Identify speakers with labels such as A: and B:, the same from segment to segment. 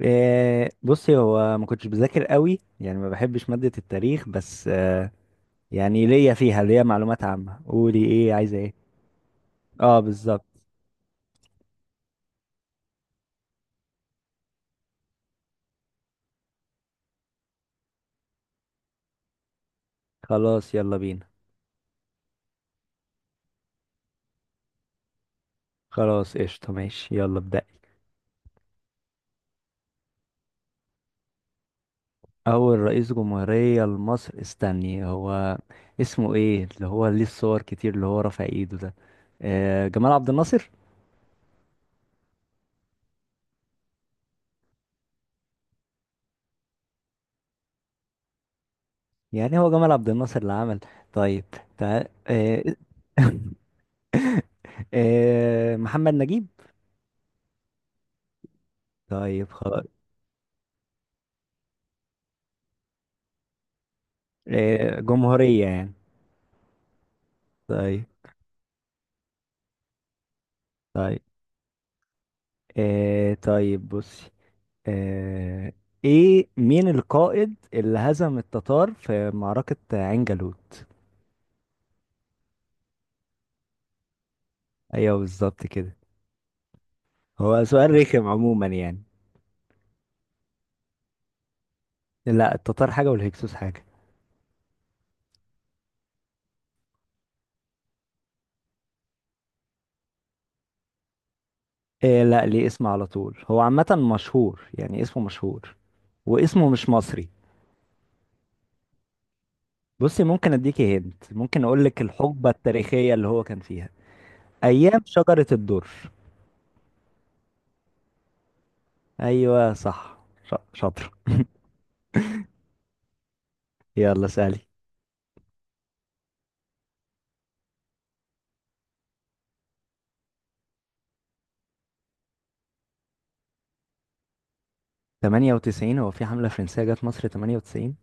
A: بصي، هو ما كنتش بذاكر قوي، يعني ما بحبش مادة التاريخ بس، يعني ليا فيها معلومات عامة. قولي ايه، عايزة ايه؟ اه، بالظبط. خلاص يلا بينا. خلاص قشطة، ماشي يلا ابدأ. اول رئيس جمهورية لمصر؟ استني، هو اسمه ايه اللي هو ليه الصور كتير، اللي هو رافع ايده ده؟ جمال عبد الناصر. يعني هو جمال عبد الناصر اللي عمل؟ طيب، تعال محمد نجيب. طيب خلاص. إيه، جمهورية يعني. طيب. طيب إيه، طيب بصي. إيه, ايه مين القائد اللي هزم التتار في معركة عين جالوت؟ ايوه بالظبط كده، هو سؤال رخم عموما يعني. لا، التتار حاجة والهكسوس حاجة. إيه، لا ليه اسم على طول، هو عامة مشهور، يعني اسمه مشهور، واسمه مش مصري. بصي، ممكن اديكي هنت، ممكن اقول لك الحقبة التاريخية اللي هو كان فيها. ايام شجرة الدر. ايوه صح، ش- شاطر. يلا سألي. 98؟ هو في حملة فرنسية جت مصر 98؟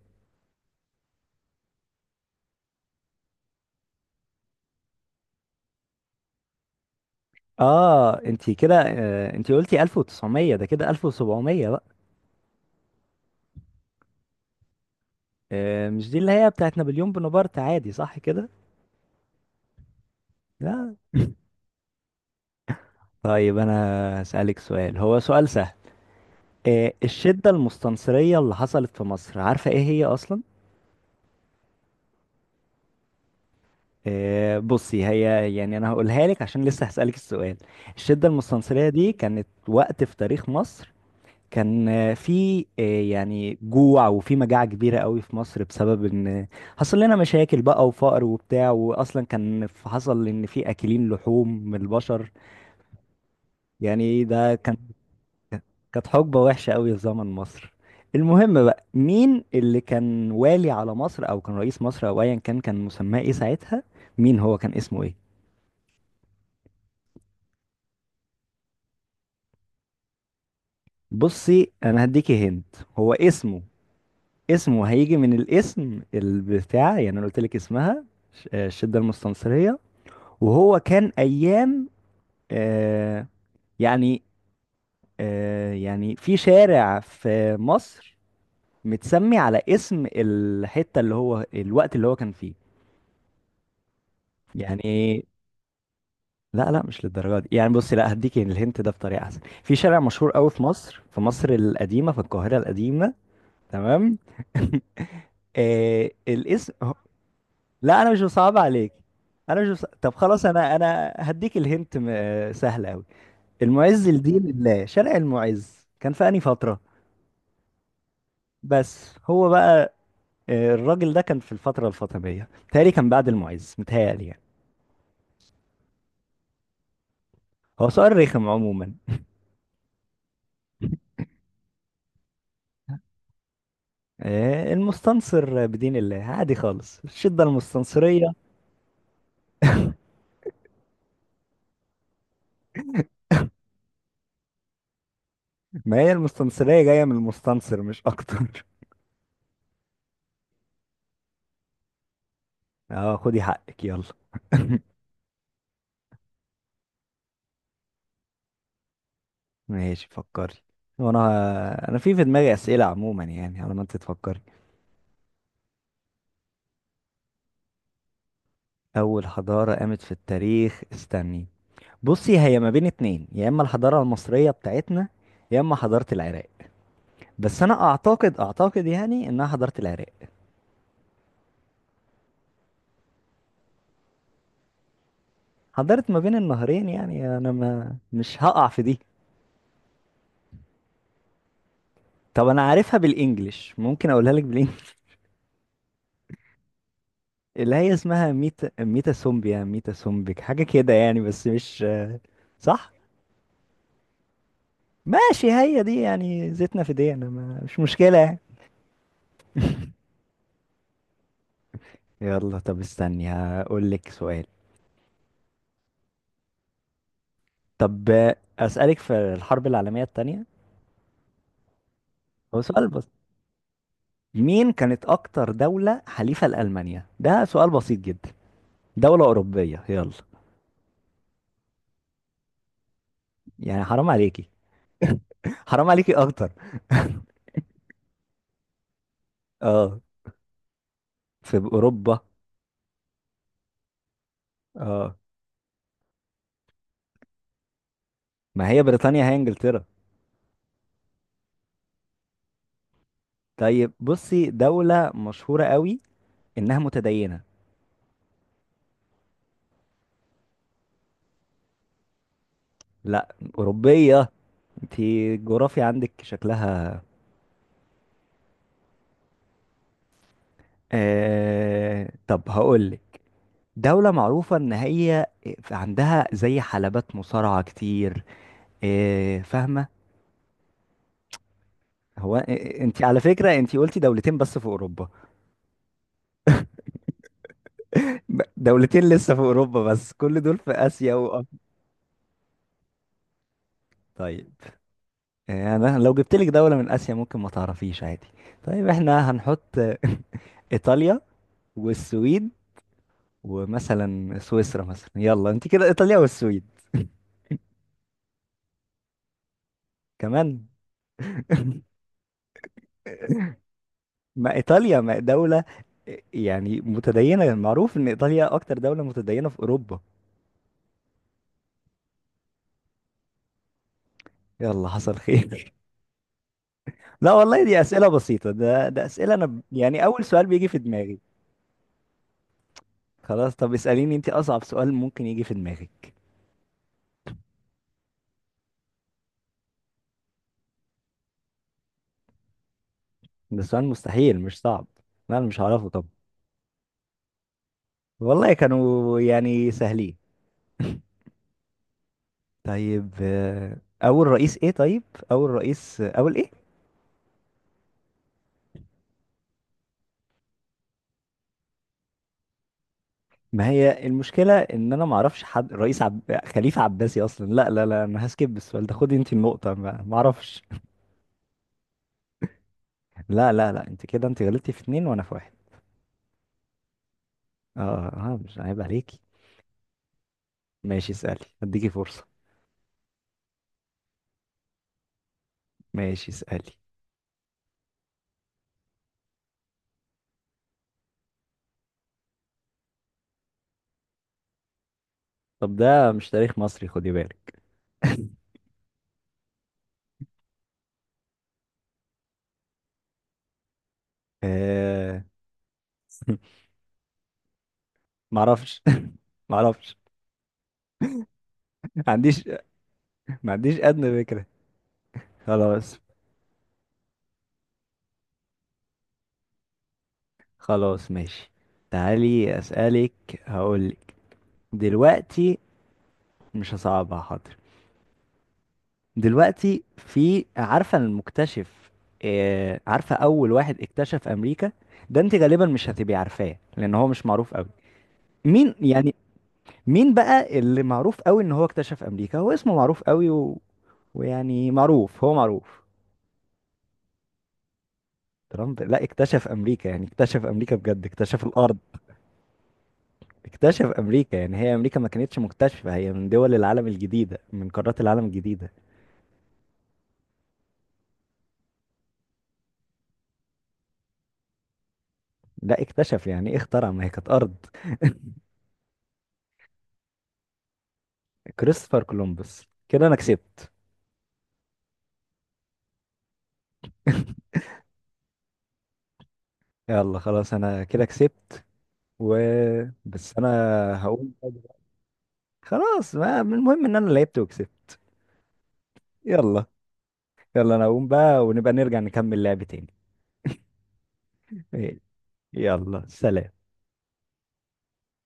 A: اه انتي كده، انتي قلتي 1900، ده كده 1700 بقى. مش دي اللي هي بتاعت نابليون بونابرت عادي، صح كده؟ لا. طيب انا هسألك سؤال، هو سؤال سهل. الشدة المستنصرية اللي حصلت في مصر، عارفة ايه هي اصلا؟ بصي، هي يعني انا هقولها لك عشان لسه هسألك السؤال. الشدة المستنصرية دي كانت وقت في تاريخ مصر. كان في يعني جوع وفي مجاعة كبيرة قوي في مصر بسبب ان حصل لنا مشاكل بقى وفقر وبتاع، واصلا كان حصل ان في اكلين لحوم من البشر. يعني ده كان، كانت حقبة وحشة قوي في زمن مصر. المهم بقى، مين اللي كان والي على مصر او كان رئيس مصر او ايا كان، كان مسماه ايه ساعتها؟ مين هو، كان اسمه ايه؟ بصي انا هديكي هند. هو اسمه، اسمه هيجي من الاسم البتاع، يعني انا قلت لك اسمها الشده المستنصريه. وهو كان ايام آه، يعني، يعني في شارع في مصر متسمي على اسم الحته اللي هو الوقت اللي هو كان فيه. يعني لا لا مش للدرجه دي يعني، بصي، لا هديك الهنت ده بطريقه احسن، في شارع مشهور قوي في مصر، القديمه، في القاهره القديمه. تمام. الاسم. لا انا مش بصعب عليك. انا مش بص... طب خلاص، انا هديك الهنت م... آه، سهل قوي. المعز لدين الله، شارع المعز كان في انهي فتره؟ بس هو بقى الراجل ده كان في الفتره الفاطميه متهيألي، كان بعد المعز متهيألي يعني. هو سؤال رخم عموما. المستنصر بدين الله عادي خالص، الشده المستنصريه. ما هي المستنصريه جايه من المستنصر مش اكتر. اه خدي حقك يلا. ماشي فكري. وانا انا في دماغي اسئله عموما يعني، على ما انت تفكري. أول حضارة قامت في التاريخ؟ استني، بصي هي ما بين اتنين، يا إما الحضارة المصرية بتاعتنا، يا إما حضارة العراق. بس أنا أعتقد يعني إنها حضارة العراق. حضارة ما بين النهرين يعني، أنا ما مش هقع في دي. طب أنا عارفها بالإنجلش، ممكن أقولها لك بالإنجلش. اللي هي اسمها ميتا ميتا سومبيا ميتا سومبك حاجة كده يعني، بس مش صح. ماشي هي دي يعني، زيتنا في دي، أنا ما مش مشكلة يعني. يلا طب استني، هقول لك سؤال. طب أسألك في الحرب العالمية التانية. هو سؤال بس، مين كانت أكتر دولة حليفة لألمانيا؟ ده سؤال بسيط جدا، دولة أوروبية يلا. يعني حرام عليكي. حرام عليكي أكتر. اه، في أوروبا. اه، ما هي بريطانيا هي إنجلترا. طيب بصي، دولة مشهورة قوي إنها متدينة. لا، أوروبية. انتي الجغرافيا عندك شكلها. طب هقولك، دولة معروفة إن هي عندها زي حلبات مصارعة كتير، إيه، فاهمة؟ هو أنت على فكرة أنت قلتي دولتين بس في أوروبا. دولتين لسه في أوروبا بس، كل دول في آسيا وأفريقيا. طيب إيه، أنا لو جبت لك دولة من آسيا ممكن ما تعرفيش عادي. طيب إحنا هنحط إيطاليا والسويد ومثلا سويسرا مثلا، يلا أنت كده، إيطاليا والسويد كمان. ما ايطاليا ما دولة يعني متدينة، معروف ان ايطاليا اكتر دولة متدينة في اوروبا. يلا حصل خير. لا والله دي اسئلة بسيطة، ده اسئلة، انا يعني اول سؤال بيجي في دماغي. خلاص طب اسأليني انت اصعب سؤال ممكن يجي في دماغك. ده سؤال مستحيل، مش صعب. لا انا مش هعرفه، طب. والله كانوا يعني سهلين. طيب اول رئيس ايه؟ طيب اول رئيس، اول ايه؟ ما هي المشكلة ان انا ما اعرفش حد رئيس خليفة عباسي اصلا. لا لا لا انا هسكيب السؤال ده، خدي انت النقطة، ما اعرفش. لا لا لا، انت كده، انت غلطتي في اتنين وانا في واحد. اه. اه مش عيب عليكي. ماشي اسألي، هديكي فرصة. ماشي اسألي. طب ده مش تاريخ مصري، خدي بالك. آه... ما اعرفش. ما اعرفش. ما عنديش ما عنديش ادنى فكرة. خلاص. خلاص ماشي، تعالي اسألك، هقولك دلوقتي. مش هصعبها حاضر. دلوقتي، في عارفة المكتشف، عارفة أول واحد اكتشف أمريكا؟ ده أنت غالبا مش هتبقي عارفاه، لأن هو مش معروف أوي. مين يعني؟ مين بقى اللي معروف أوي إن هو اكتشف أمريكا؟ هو اسمه معروف أوي ويعني معروف، هو معروف. ترامب؟ لا، اكتشف أمريكا يعني اكتشف أمريكا بجد، اكتشف الأرض. اكتشف أمريكا يعني، هي أمريكا ما كانتش مكتشفة، هي من دول العالم الجديدة، من قارات العالم الجديدة. لا، اكتشف يعني ايه اخترع، ما هي كانت أرض. كريستوفر كولومبوس. كده أنا كسبت. يلا خلاص، انا كده كسبت. و، بس انا هقوم بقى دلوقتي. خلاص، ما المهم ان انا لعبت وكسبت. يلا. يلا انا هقوم بقى، ونبقى نرجع نكمل لعب تاني. إيه، يلا سلام.